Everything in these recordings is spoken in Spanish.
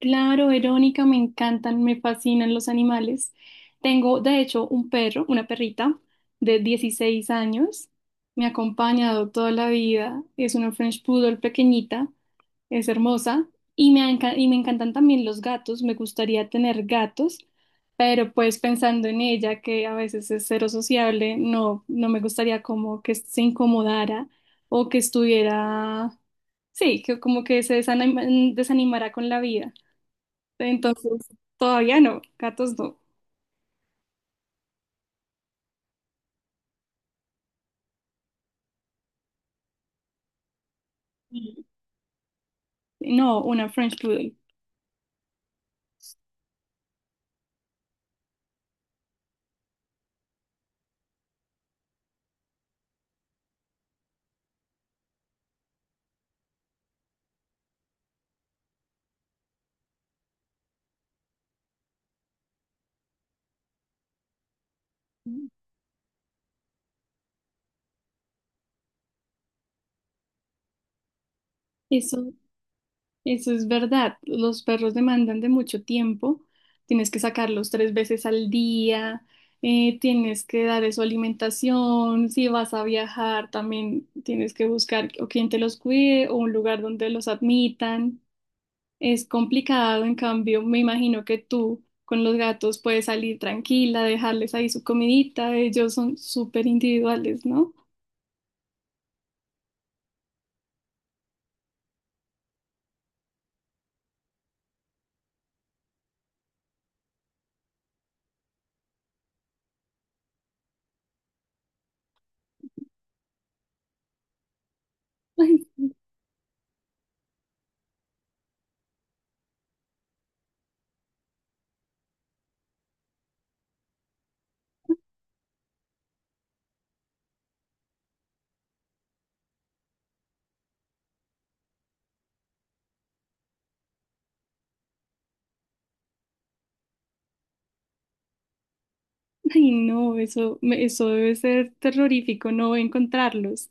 Claro, Verónica, me encantan, me fascinan los animales. Tengo, de hecho, un perro, una perrita de 16 años. Me ha acompañado toda la vida. Es una French Poodle pequeñita, es hermosa. Y me encantan también los gatos. Me gustaría tener gatos, pero pues pensando en ella, que a veces es cero sociable, no, no me gustaría como que se incomodara o que estuviera, sí, que como que se desanimara con la vida. Entonces, todavía no, gatos no. Y- No, una French Poodle. Eso, eso es verdad. Los perros demandan de mucho tiempo. Tienes que sacarlos 3 veces al día. Tienes que dar su alimentación. Si vas a viajar, también tienes que buscar o quien te los cuide o un lugar donde los admitan. Es complicado, en cambio, me imagino que tú con los gatos puedes salir tranquila, dejarles ahí su comidita. Ellos son súper individuales, ¿no? Ay, ay, no, eso, eso debe ser terrorífico, no encontrarlos.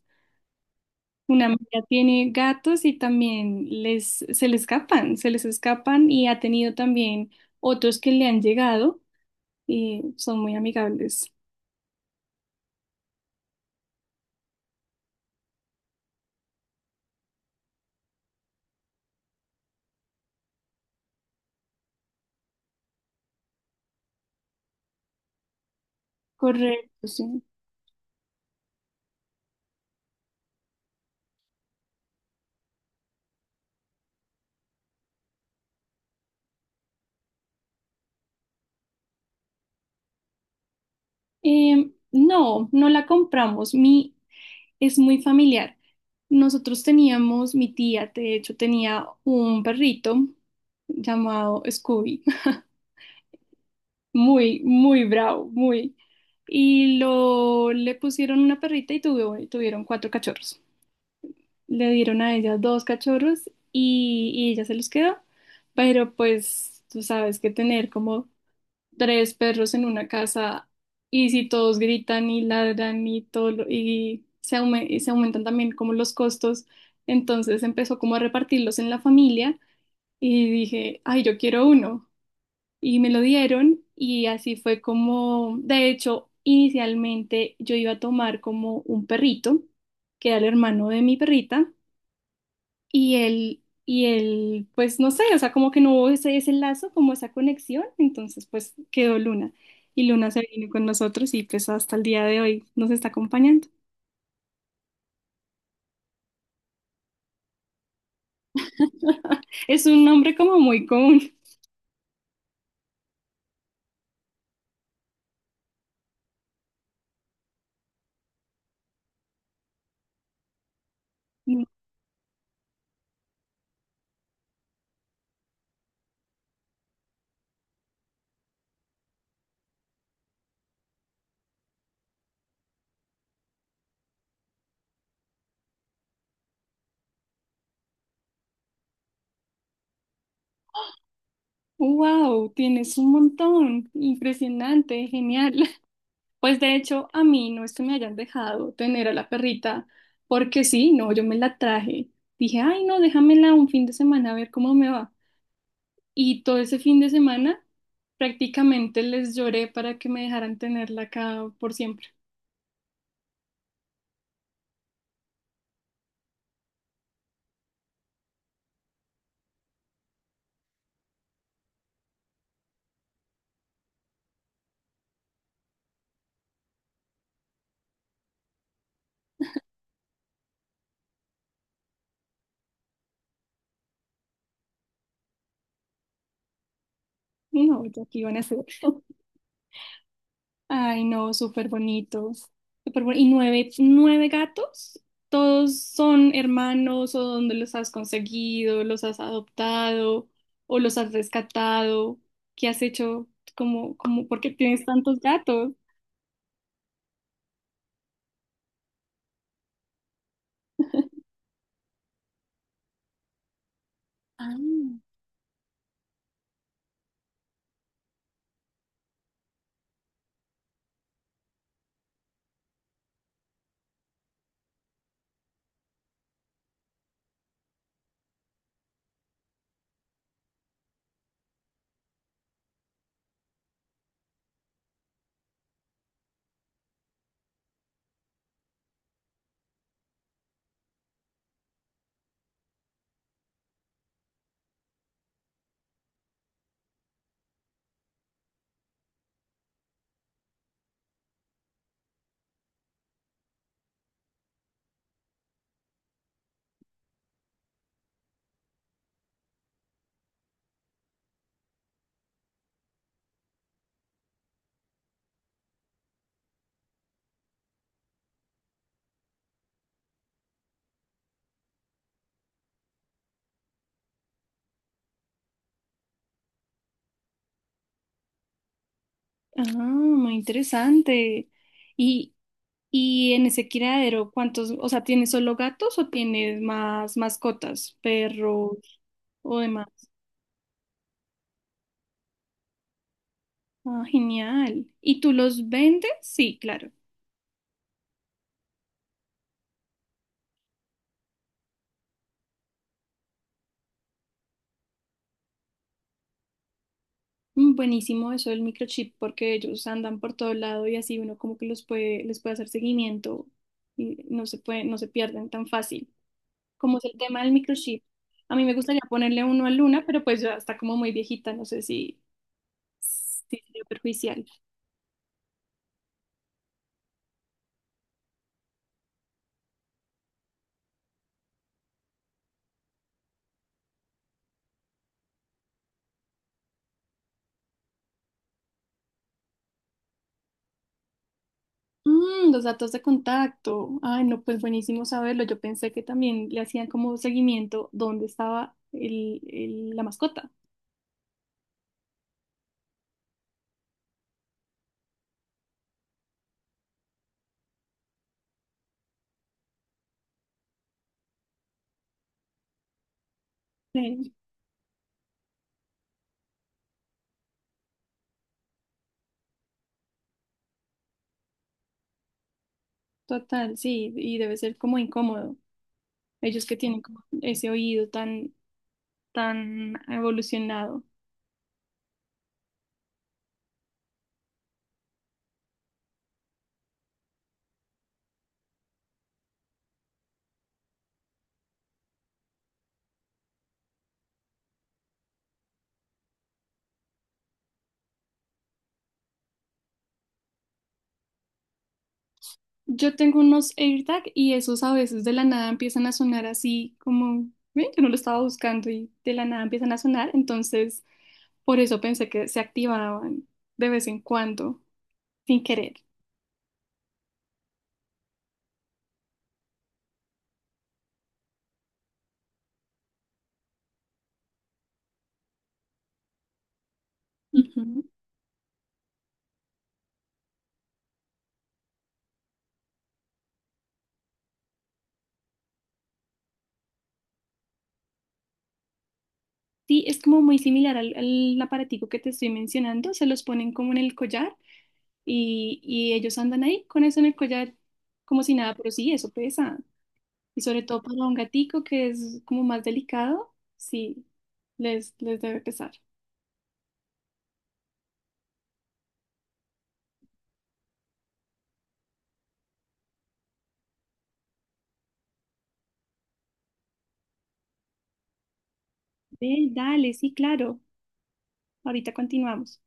Una amiga tiene gatos y también se les escapan y ha tenido también otros que le han llegado y son muy amigables. Correcto, sí. No, no la compramos. Es muy familiar. Nosotros teníamos, mi tía, de hecho, tenía un perrito llamado Scooby. Muy, muy bravo, muy. Y lo le pusieron una perrita y tuvieron cuatro cachorros. Le dieron a ella dos cachorros y ella se los quedó. Pero pues tú sabes que tener como tres perros en una casa y si todos gritan y ladran y se aumentan también como los costos, entonces empezó como a repartirlos en la familia y dije, ay, yo quiero uno y me lo dieron y así fue como, de hecho, inicialmente yo iba a tomar como un perrito, que era el hermano de mi perrita, y él, pues no sé, o sea, como que no hubo ese lazo, como esa conexión, entonces pues quedó Luna. Y Luna se vino con nosotros y pues hasta el día de hoy nos está acompañando. Es un nombre como muy común. Wow, tienes un montón. Impresionante, genial. Pues de hecho, a mí no es que me hayan dejado tener a la perrita, porque sí, no, yo me la traje. Dije, ay, no, déjamela un fin de semana a ver cómo me va. Y todo ese fin de semana prácticamente les lloré para que me dejaran tenerla acá por siempre. Y no, ya que iban a hacer. Ay, no, súper bonitos. Y nueve gatos, todos son hermanos o dónde los has conseguido, los has adoptado o los has rescatado. ¿Qué has hecho? ¿Cómo, por qué tienes tantos gatos? Ah, ah, muy interesante. Y, y en ese criadero, ¿cuántos? O sea, ¿tienes solo gatos o tienes más mascotas, perros o demás? Ah, genial. ¿Y tú los vendes? Sí, claro. Mm, buenísimo eso del microchip porque ellos andan por todo lado y así uno como que les puede hacer seguimiento y no se pierden tan fácil. Como es el tema del microchip, a mí me gustaría ponerle uno a Luna, pero pues ya está como muy viejita, no sé si sería perjudicial. Mm, los datos de contacto. Ay, no, pues buenísimo saberlo. Yo pensé que también le hacían como seguimiento dónde estaba la mascota. Sí, total, sí, y debe ser como incómodo, ellos que tienen como ese oído tan evolucionado. Yo tengo unos AirTag y esos a veces de la nada empiezan a sonar así como, "Ve, yo no lo estaba buscando y de la nada empiezan a sonar, entonces por eso pensé que se activaban de vez en cuando, sin querer. Sí, es como muy similar al aparatico que te estoy mencionando, se los ponen como en el collar y ellos andan ahí con eso en el collar como si nada, pero sí, eso pesa. Y sobre todo para un gatico que es como más delicado, sí, les debe pesar. Ve, dale, sí, claro. Ahorita continuamos.